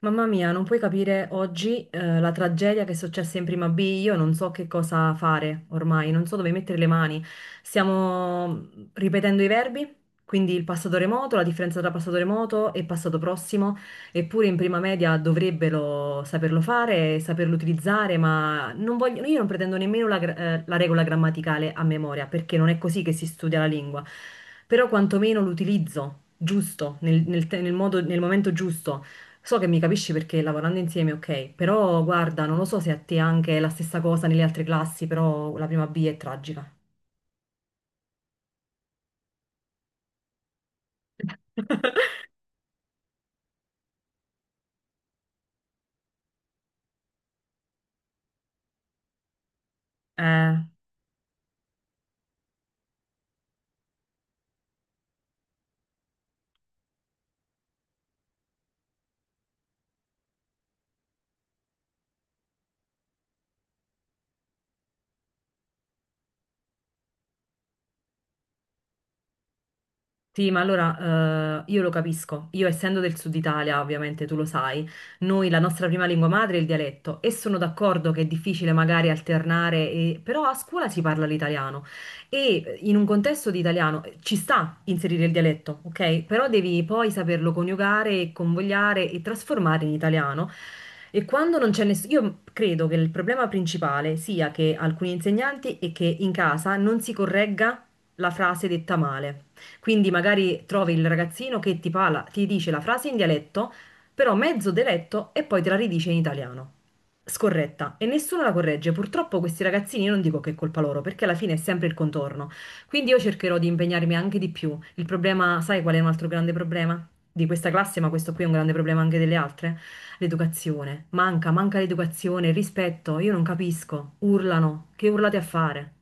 Mamma mia, non puoi capire oggi, la tragedia che è successa in prima B. Io non so che cosa fare ormai, non so dove mettere le mani. Stiamo ripetendo i verbi, quindi il passato remoto, la differenza tra passato remoto e passato prossimo, eppure in prima media dovrebbero saperlo fare, saperlo utilizzare, ma non voglio- io non pretendo nemmeno la, la regola grammaticale a memoria, perché non è così che si studia la lingua, però quantomeno l'utilizzo giusto, nel nel te- nel modo- nel momento giusto. So che mi capisci perché lavorando insieme, ok, però guarda, non lo so se a te anche è la stessa cosa nelle altre classi, però la prima B è tragica. Eh. Sì, ma allora, io lo capisco. Io essendo del sud Italia, ovviamente tu lo sai, noi la nostra prima lingua madre è il dialetto e sono d'accordo che è difficile magari alternare, però a scuola si parla l'italiano e in un contesto di italiano, ci sta inserire il dialetto, ok? Però devi poi saperlo coniugare, convogliare e trasformare in italiano. E quando non c'è nessuno, io credo che il problema principale sia che alcuni insegnanti e che in casa non si corregga la frase detta male. Quindi magari trovi il ragazzino che ti dice la frase in dialetto, però mezzo deletto e poi te la ridice in italiano. Scorretta. E nessuno la corregge. Purtroppo questi ragazzini, io non dico che è colpa loro, perché alla fine è sempre il contorno. Quindi io cercherò di impegnarmi anche di più. Il problema, sai qual è un altro grande problema? Di questa classe, ma questo qui è un grande problema anche delle altre? L'educazione. Manca, manca l'educazione, il rispetto. Io non capisco. Urlano. Che urlate a fare?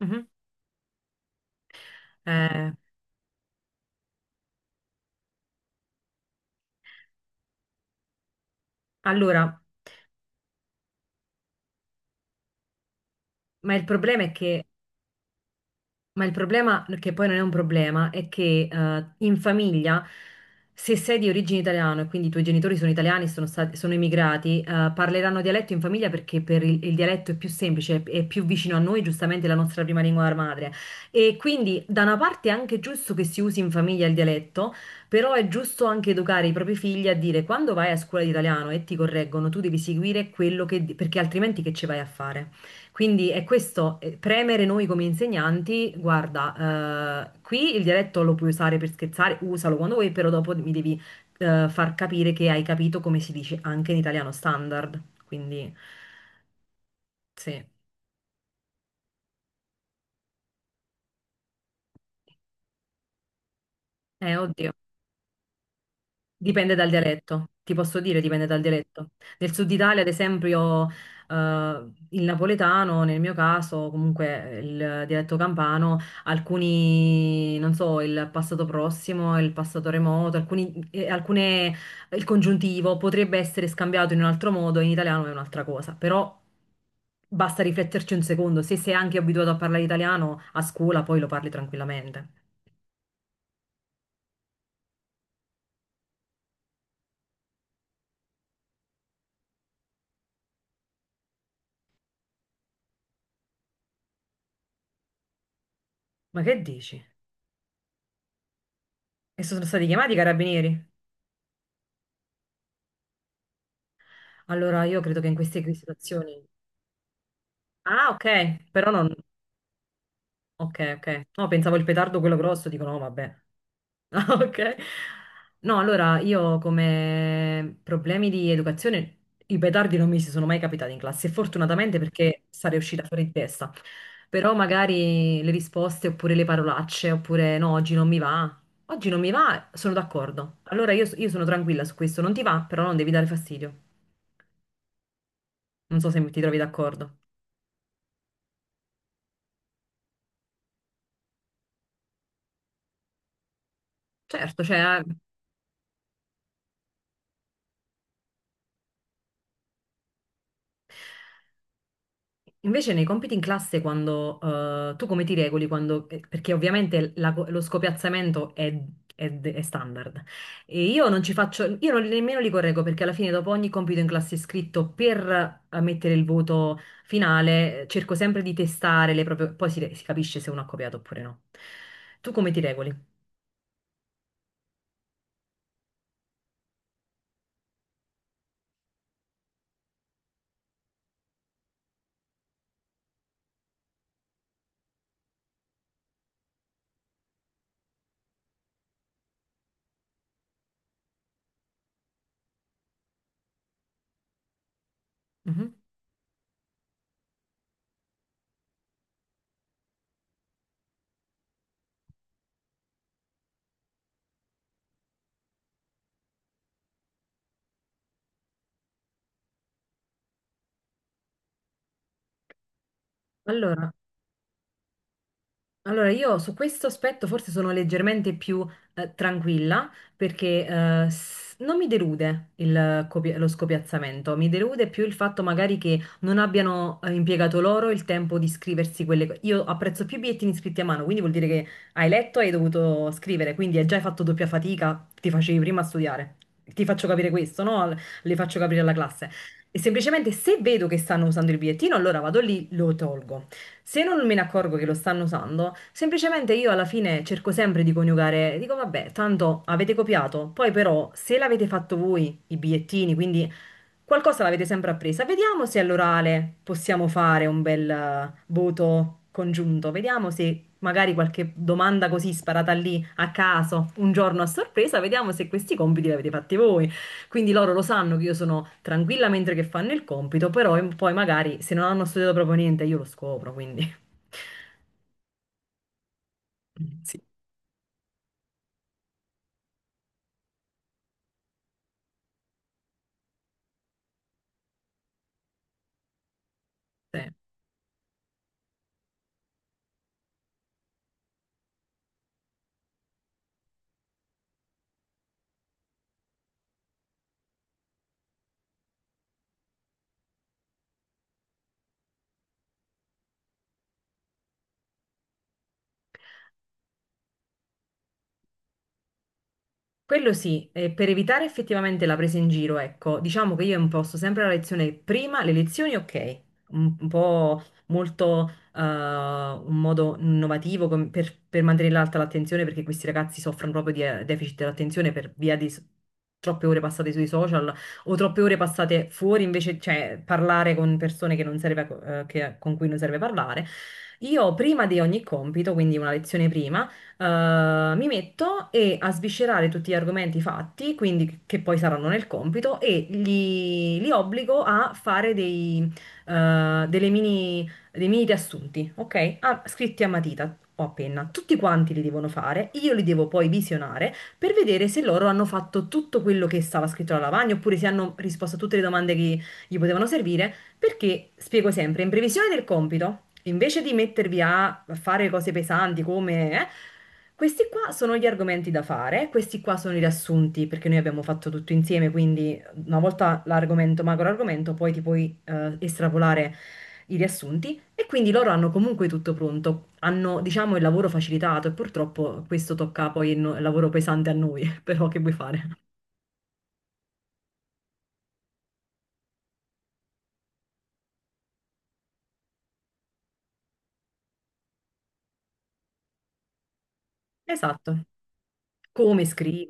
Mhm. Eh, allora, ma il problema è che Ma il problema, che poi non è un problema, è che, in famiglia, se sei di origine italiana e quindi i tuoi genitori sono italiani, sono stati, sono emigrati, parleranno dialetto in famiglia perché per il dialetto è più semplice, è più vicino a noi, giustamente è la nostra prima lingua madre. E quindi da una parte è anche giusto che si usi in famiglia il dialetto, però è giusto anche educare i propri figli a dire quando vai a scuola di italiano e ti correggono, tu devi seguire quello che... perché altrimenti che ci vai a fare? Quindi è questo, premere noi come insegnanti, guarda, qui il dialetto lo puoi usare per scherzare, usalo quando vuoi, però dopo mi devi, far capire che hai capito come si dice anche in italiano standard. Quindi sì, oddio. Dipende dal dialetto, ti posso dire, dipende dal dialetto. Nel sud Italia, ad esempio, il napoletano, nel mio caso, comunque, il dialetto campano, alcuni, non so, il passato prossimo, il passato remoto, alcuni, alcune, il congiuntivo potrebbe essere scambiato in un altro modo, in italiano è un'altra cosa, però basta rifletterci un secondo, se sei anche abituato a parlare italiano a scuola, poi lo parli tranquillamente. Ma che dici? E sono stati chiamati i carabinieri? Allora, io credo che in queste situazioni... Ah, ok, però non... Ok, ok. No, pensavo il petardo quello grosso, dico no, vabbè. Ah, ok. No, allora, io come problemi di educazione, i petardi non mi si sono mai capitati in classe, fortunatamente perché sarei uscita fuori di testa. Però magari le risposte oppure le parolacce, oppure no, oggi non mi va. Oggi non mi va, sono d'accordo. Allora io sono tranquilla su questo, non ti va, però non devi dare fastidio. Non so se ti trovi d'accordo. Certo, cioè... Invece nei compiti in classe, quando, tu come ti regoli? Quando, perché ovviamente lo scopiazzamento è, è standard. E io non ci faccio, io non- nemmeno li correggo perché alla fine dopo ogni compito in classe scritto per, mettere il voto finale, cerco sempre di testare le proprie, poi si capisce se uno ha copiato oppure no. Tu come ti regoli? Mhm. Allora, Allora, io su questo aspetto forse sono leggermente più, tranquilla perché, non mi delude il lo scopiazzamento, mi delude più il fatto magari che non abbiano, impiegato loro il tempo di scriversi quelle cose. Io apprezzo più i bigliettini scritti a mano, quindi vuol dire che hai letto e hai dovuto scrivere, quindi hai già fatto doppia fatica, ti facevi prima a studiare. Ti faccio capire questo, no? Le faccio capire alla classe. E semplicemente se vedo che stanno usando il bigliettino, allora vado lì, lo tolgo. Se non me ne accorgo che lo stanno usando, semplicemente io alla fine cerco sempre di coniugare, dico vabbè, tanto avete copiato, poi però se l'avete fatto voi i bigliettini, quindi qualcosa l'avete sempre appresa. Vediamo se all'orale possiamo fare un bel, voto congiunto. Vediamo se magari qualche domanda così sparata lì a caso, un giorno a sorpresa, vediamo se questi compiti li avete fatti voi. Quindi loro lo sanno che io sono tranquilla mentre che fanno il compito, però poi magari se non hanno studiato proprio niente io lo scopro, quindi sì, sì. Quello sì, per evitare effettivamente la presa in giro, ecco, diciamo che io imposto sempre la lezione prima, le lezioni ok, un po' molto, un modo innovativo per mantenere alta l'attenzione perché questi ragazzi soffrono proprio di, deficit dell'attenzione per via di troppe ore passate sui social o troppe ore passate fuori invece, cioè parlare con persone che non serve, con cui non serve parlare. Io prima di ogni compito, quindi una lezione prima, mi metto e a sviscerare tutti gli argomenti fatti, quindi che poi saranno nel compito, e li obbligo a fare dei, delle mini, dei mini riassunti, ok? Ah, scritti a matita o a penna. Tutti quanti li devono fare, io li devo poi visionare per vedere se loro hanno fatto tutto quello che stava scritto alla lavagna oppure se hanno risposto a tutte le domande che gli potevano servire. Perché, spiego sempre, in previsione del compito, invece di mettervi a fare cose pesanti come... questi qua sono gli argomenti da fare, questi qua sono i riassunti, perché noi abbiamo fatto tutto insieme, quindi una volta l'argomento, macro argomento, poi ti puoi, estrapolare i riassunti e quindi loro hanno comunque tutto pronto, hanno diciamo il lavoro facilitato e purtroppo questo tocca poi il, no- il lavoro pesante a noi, però che vuoi fare? Esatto, come scrivi.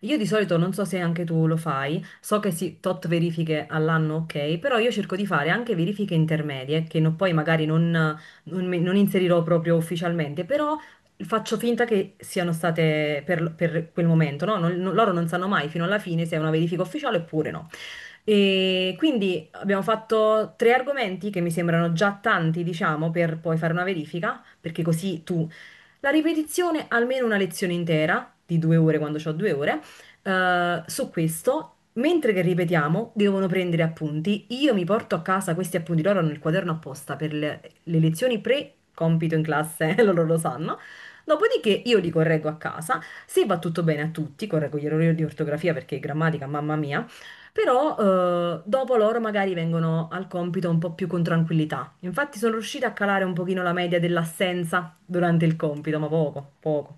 Io di solito non so se anche tu lo fai, so che sì, tot verifiche all'anno, ok, però io cerco di fare anche verifiche intermedie, che no- poi magari non, non inserirò proprio ufficialmente, però faccio finta che siano state per quel momento, no? Loro non sanno mai fino alla fine se è una verifica ufficiale oppure no. E quindi abbiamo fatto tre argomenti che mi sembrano già tanti, diciamo, per poi fare una verifica, perché così tu la ripetizione, almeno una lezione intera, di 2 ore quando ho 2 ore, su questo, mentre che ripetiamo, devono prendere appunti. Io mi porto a casa questi appunti, loro hanno il quaderno apposta per le lezioni pre-compito in classe, loro lo sanno. Dopodiché io li correggo a casa, se va tutto bene a tutti, correggo gli errori di ortografia perché grammatica, mamma mia, però, dopo loro magari vengono al compito un po' più con tranquillità. Infatti sono riuscita a calare un pochino la media dell'assenza durante il compito, ma poco, poco.